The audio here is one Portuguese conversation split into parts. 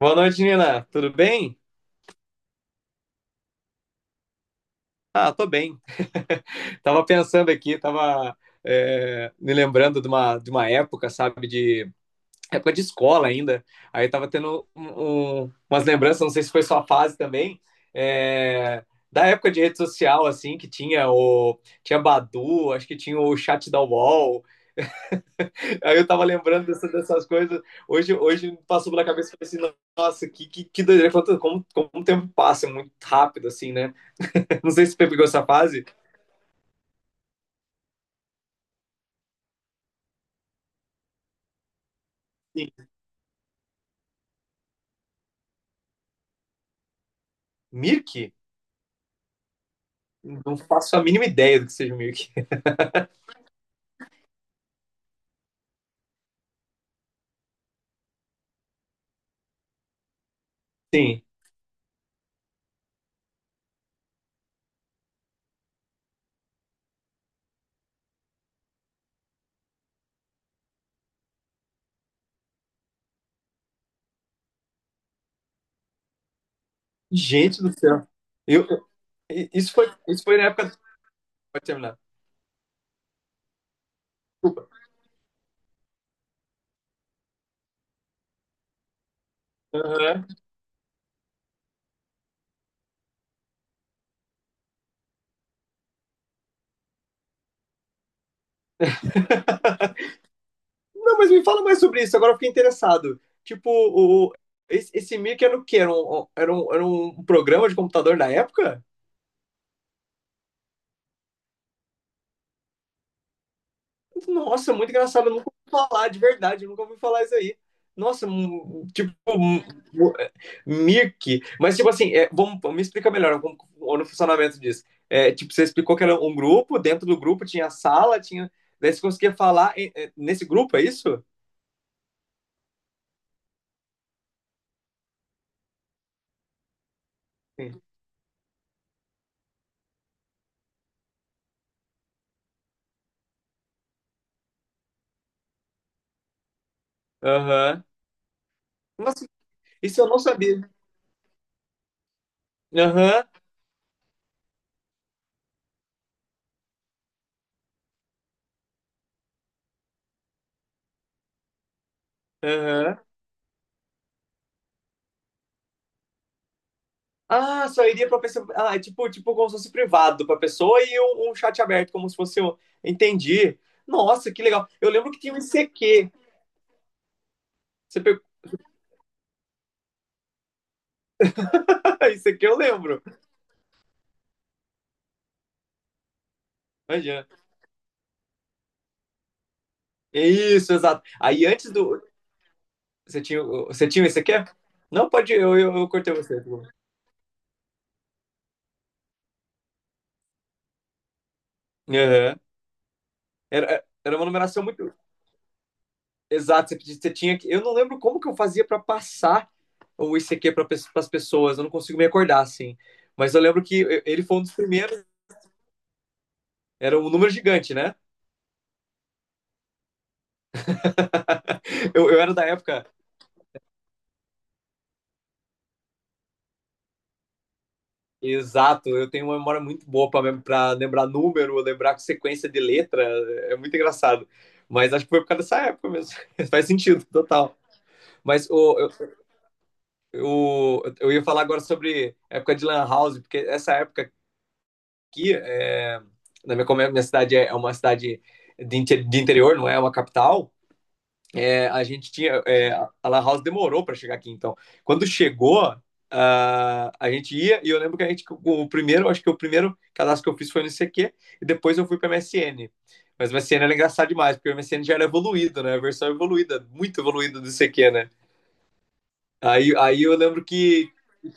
Boa noite, Nina. Tudo bem? Ah, tô bem. Tava pensando aqui, me lembrando de uma época, sabe, de época de escola ainda. Aí tava tendo umas lembranças, não sei se foi sua fase também, é, da época de rede social, assim, que tinha o tinha Badu, acho que tinha o chat da UOL. Aí eu tava lembrando dessas coisas. Hoje, passou pela cabeça e falei assim, nossa, que doideira, como o tempo passa é muito rápido, assim, né? Não sei se você pegou essa fase. Sim. Mirk? Não faço a mínima ideia do que seja o Mirk. Sim. Gente do céu. Eu, eu- isso foi na época. Pode terminar. Desculpa. Aham. Não, mas me fala mais sobre isso, agora eu fiquei interessado. Tipo, esse Mirk era o quê? Era um, um, era um, era um programa de computador da época? Nossa, muito engraçado. Eu nunca ouvi falar, de verdade. Eu nunca ouvi falar isso aí. Nossa, tipo, Mirk. Mas, tipo assim, me explica melhor como, o funcionamento disso. Tipo, você explicou que era um grupo, dentro do grupo tinha sala, tinha. Daí você conseguia falar nesse grupo, é isso? Sim. Aham. Nossa, isso eu não sabia. Aham, aham. Ah, só iria pra pessoa. Ah, é tipo como se fosse privado pra pessoa e um chat aberto, como se fosse. Entendi. Nossa, que legal. Eu lembro que tinha um ICQ. Você pegou. ICQ eu lembro. Imagina. Isso, exato. Aí antes do. Você tinha um ICQ? Não, pode. Eu cortei você. Aham. Era uma numeração muito. Exato, você tinha que. Eu não lembro como que eu fazia pra passar o ICQ para as pessoas. Eu não consigo me acordar assim. Mas eu lembro que ele foi um dos primeiros. Era um número gigante, né? Eu era da época. Exato, eu tenho uma memória muito boa pra lembrar número, lembrar sequência de letra, é muito engraçado. Mas acho que foi por causa dessa época mesmo. Faz sentido, total. Mas eu ia falar agora sobre a época de Lan House, porque essa época aqui, é, na minha, como é- minha cidade é uma cidade de interior, não é uma capital, a gente tinha. A La House demorou para chegar aqui, então. Quando chegou, a gente ia e eu lembro que a gente o primeiro acho que o primeiro cadastro que eu fiz foi no CQ e depois eu fui para MSN. Mas o MSN era engraçado demais porque o MSN já era evoluído, né? A versão evoluída, muito evoluída, do CQ, né? Aí eu lembro que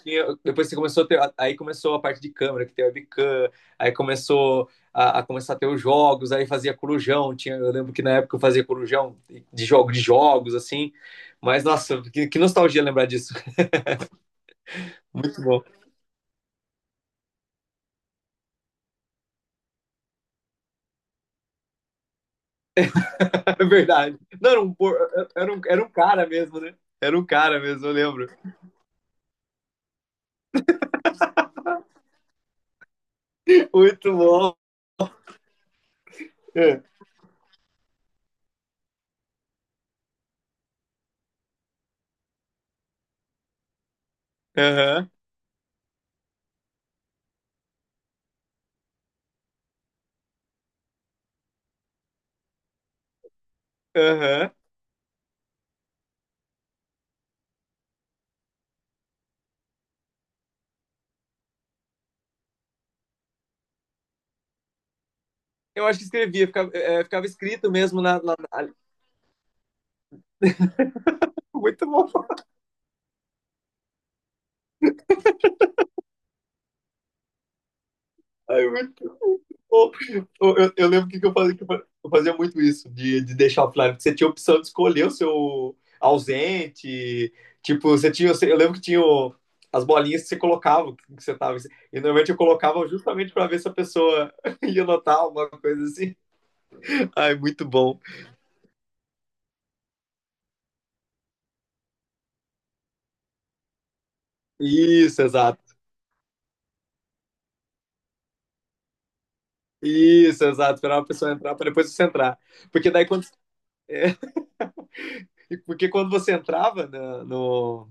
depois que começou a ter, aí começou a parte de câmera, que tem webcam, aí começou a começar a ter os jogos, aí fazia corujão, tinha, eu lembro que na época eu fazia corujão de jogos assim. Mas nossa, que nostalgia lembrar disso. Muito bom. É verdade. Não, era um cara mesmo, né? Era um cara mesmo, eu lembro. Muito bom. É. Aham, aham. Eu acho que escrevia, ficava escrito mesmo na. Muito bom. Aí eu lembro que eu falei que eu fazia muito isso, de deixar offline, porque você tinha a opção de escolher o seu ausente, tipo, eu lembro que tinha as bolinhas que você colocava, que você tava, e normalmente eu colocava justamente para ver se a pessoa ia notar alguma coisa assim. Ai, muito bom. Isso, exato. Isso, exato. Esperar a pessoa entrar para depois você entrar. Porque daí quando, é, porque quando você entrava na- no,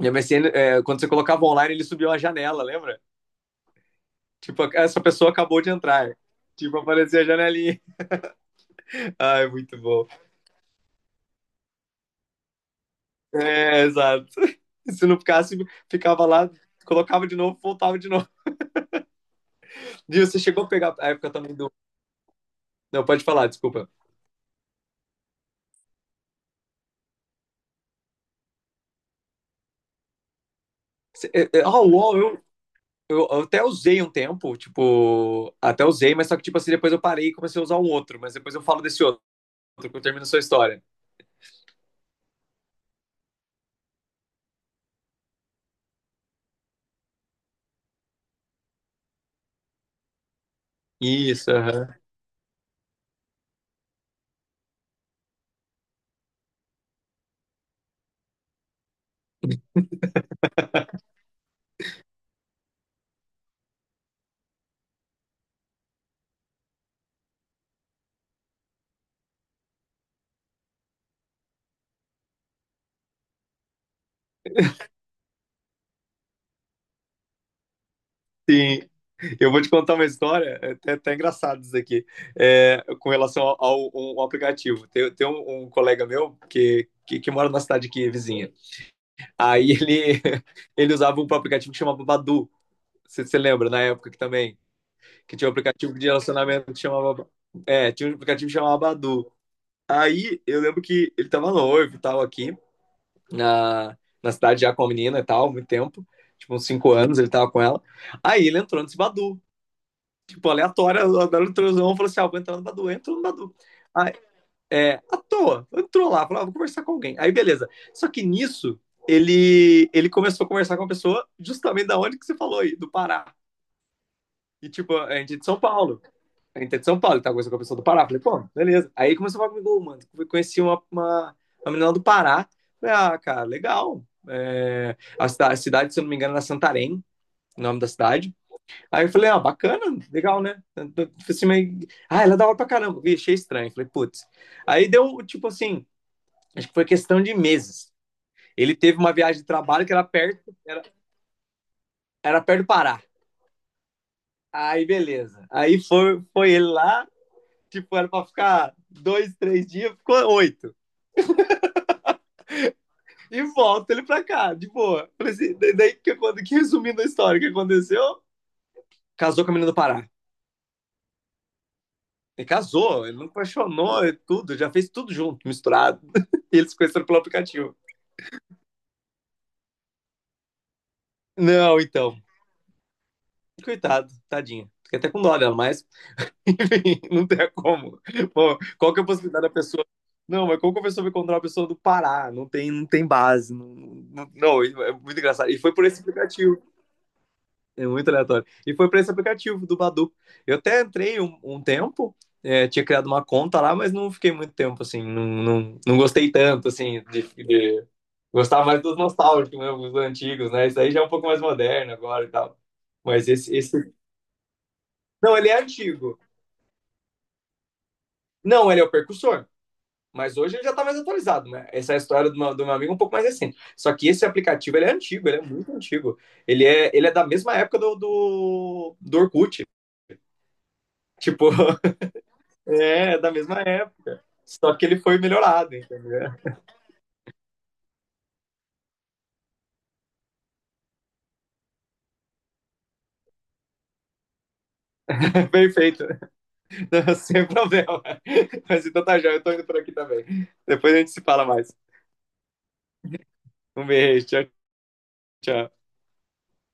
e a MSN, quando você colocava online, ele subia uma janela, lembra? Tipo, essa pessoa acabou de entrar. Tipo, aparecia a janelinha. Ai, muito bom. É, exato. Se não ficasse, ficava lá, colocava de novo, voltava de novo. E você chegou a pegar a época também do. Não, pode falar, desculpa. Ah, o UOL, eu até usei um tempo, tipo, até usei, mas só que, tipo assim, depois eu parei e comecei a usar um outro, mas depois eu falo desse outro, que termina a sua história. Isso, aham. Sim, eu vou te contar uma história, é até engraçado isso aqui, com relação um aplicativo. Tem um colega meu que mora na cidade aqui, vizinha. Aí ele, ele usava um aplicativo que chamava Badu. Você lembra, na época que também, que tinha um aplicativo de relacionamento que chamava. Tinha um aplicativo que chamava Badu. Aí eu lembro que ele tava noivo e tal aqui, na, na cidade já com a menina e tal, há muito tempo. Tipo, uns 5 anos ele tava com ela. Aí ele entrou nesse Badu. Tipo, aleatória, andaram no transão, falou assim, ah, vou entrar no Badu, entrou no Badu. Aí, à toa, entrou lá, falou, ah, vou conversar com alguém. Aí, beleza. Só que nisso, ele começou a conversar com uma pessoa justamente da onde que você falou aí, do Pará. E, tipo, a gente é de São Paulo. A gente é de São Paulo, ele tá conversando com a pessoa do Pará. Falei, pô, beleza. Aí começou a falar comigo, mano, conheci uma menina do Pará. Falei, ah, cara, legal. A cidade, se eu não me engano, era Santarém, o nome da cidade. Aí eu falei, ah, bacana, legal, né? Eu falei assim, mas. Ah, ela é da hora pra caramba. Vi, achei estranho. Falei, putz. Aí deu, tipo assim, acho que foi questão de meses. Ele teve uma viagem de trabalho que era perto do Pará. Aí, beleza. Aí foi ele lá, tipo, era pra ficar 2, 3 dias, ficou 8. E volta ele pra cá, de boa. Falei assim, daí, resumindo a história, o que aconteceu? Casou com a menina do Pará. Ele casou, ele não apaixonou, é tudo, já fez tudo junto, misturado. E eles se conheceram pelo aplicativo. Não, então. Coitado, tadinha. Fiquei até com dó dela, mas, enfim, não tem como. Pô, qual que é a possibilidade da pessoa? Não, mas como que a pessoa vai encontrar uma pessoa do Pará? Não tem base. Não, não, não, é muito engraçado. E foi por esse aplicativo. É muito aleatório. E foi por esse aplicativo do Badu. Eu até entrei um tempo, tinha criado uma conta lá, mas não fiquei muito tempo, assim. Não, não, não gostei tanto, assim, de. Gostava mais dos nostálgicos mesmo, dos antigos, né? Isso aí já é um pouco mais moderno agora e tal. Mas esse. Não, ele é antigo. Não, ele é o percussor. Mas hoje ele já tá mais atualizado, né? Essa é a história do meu amigo um pouco mais recente. Só que esse aplicativo, ele é antigo, ele é muito antigo. Ele é da mesma época do Orkut. Tipo, é da mesma época. Só que ele foi melhorado, entendeu? Perfeito. Sem problema. Mas então tá já, eu tô indo por aqui também. Depois a gente se fala mais. Um beijo, tchau, tchau.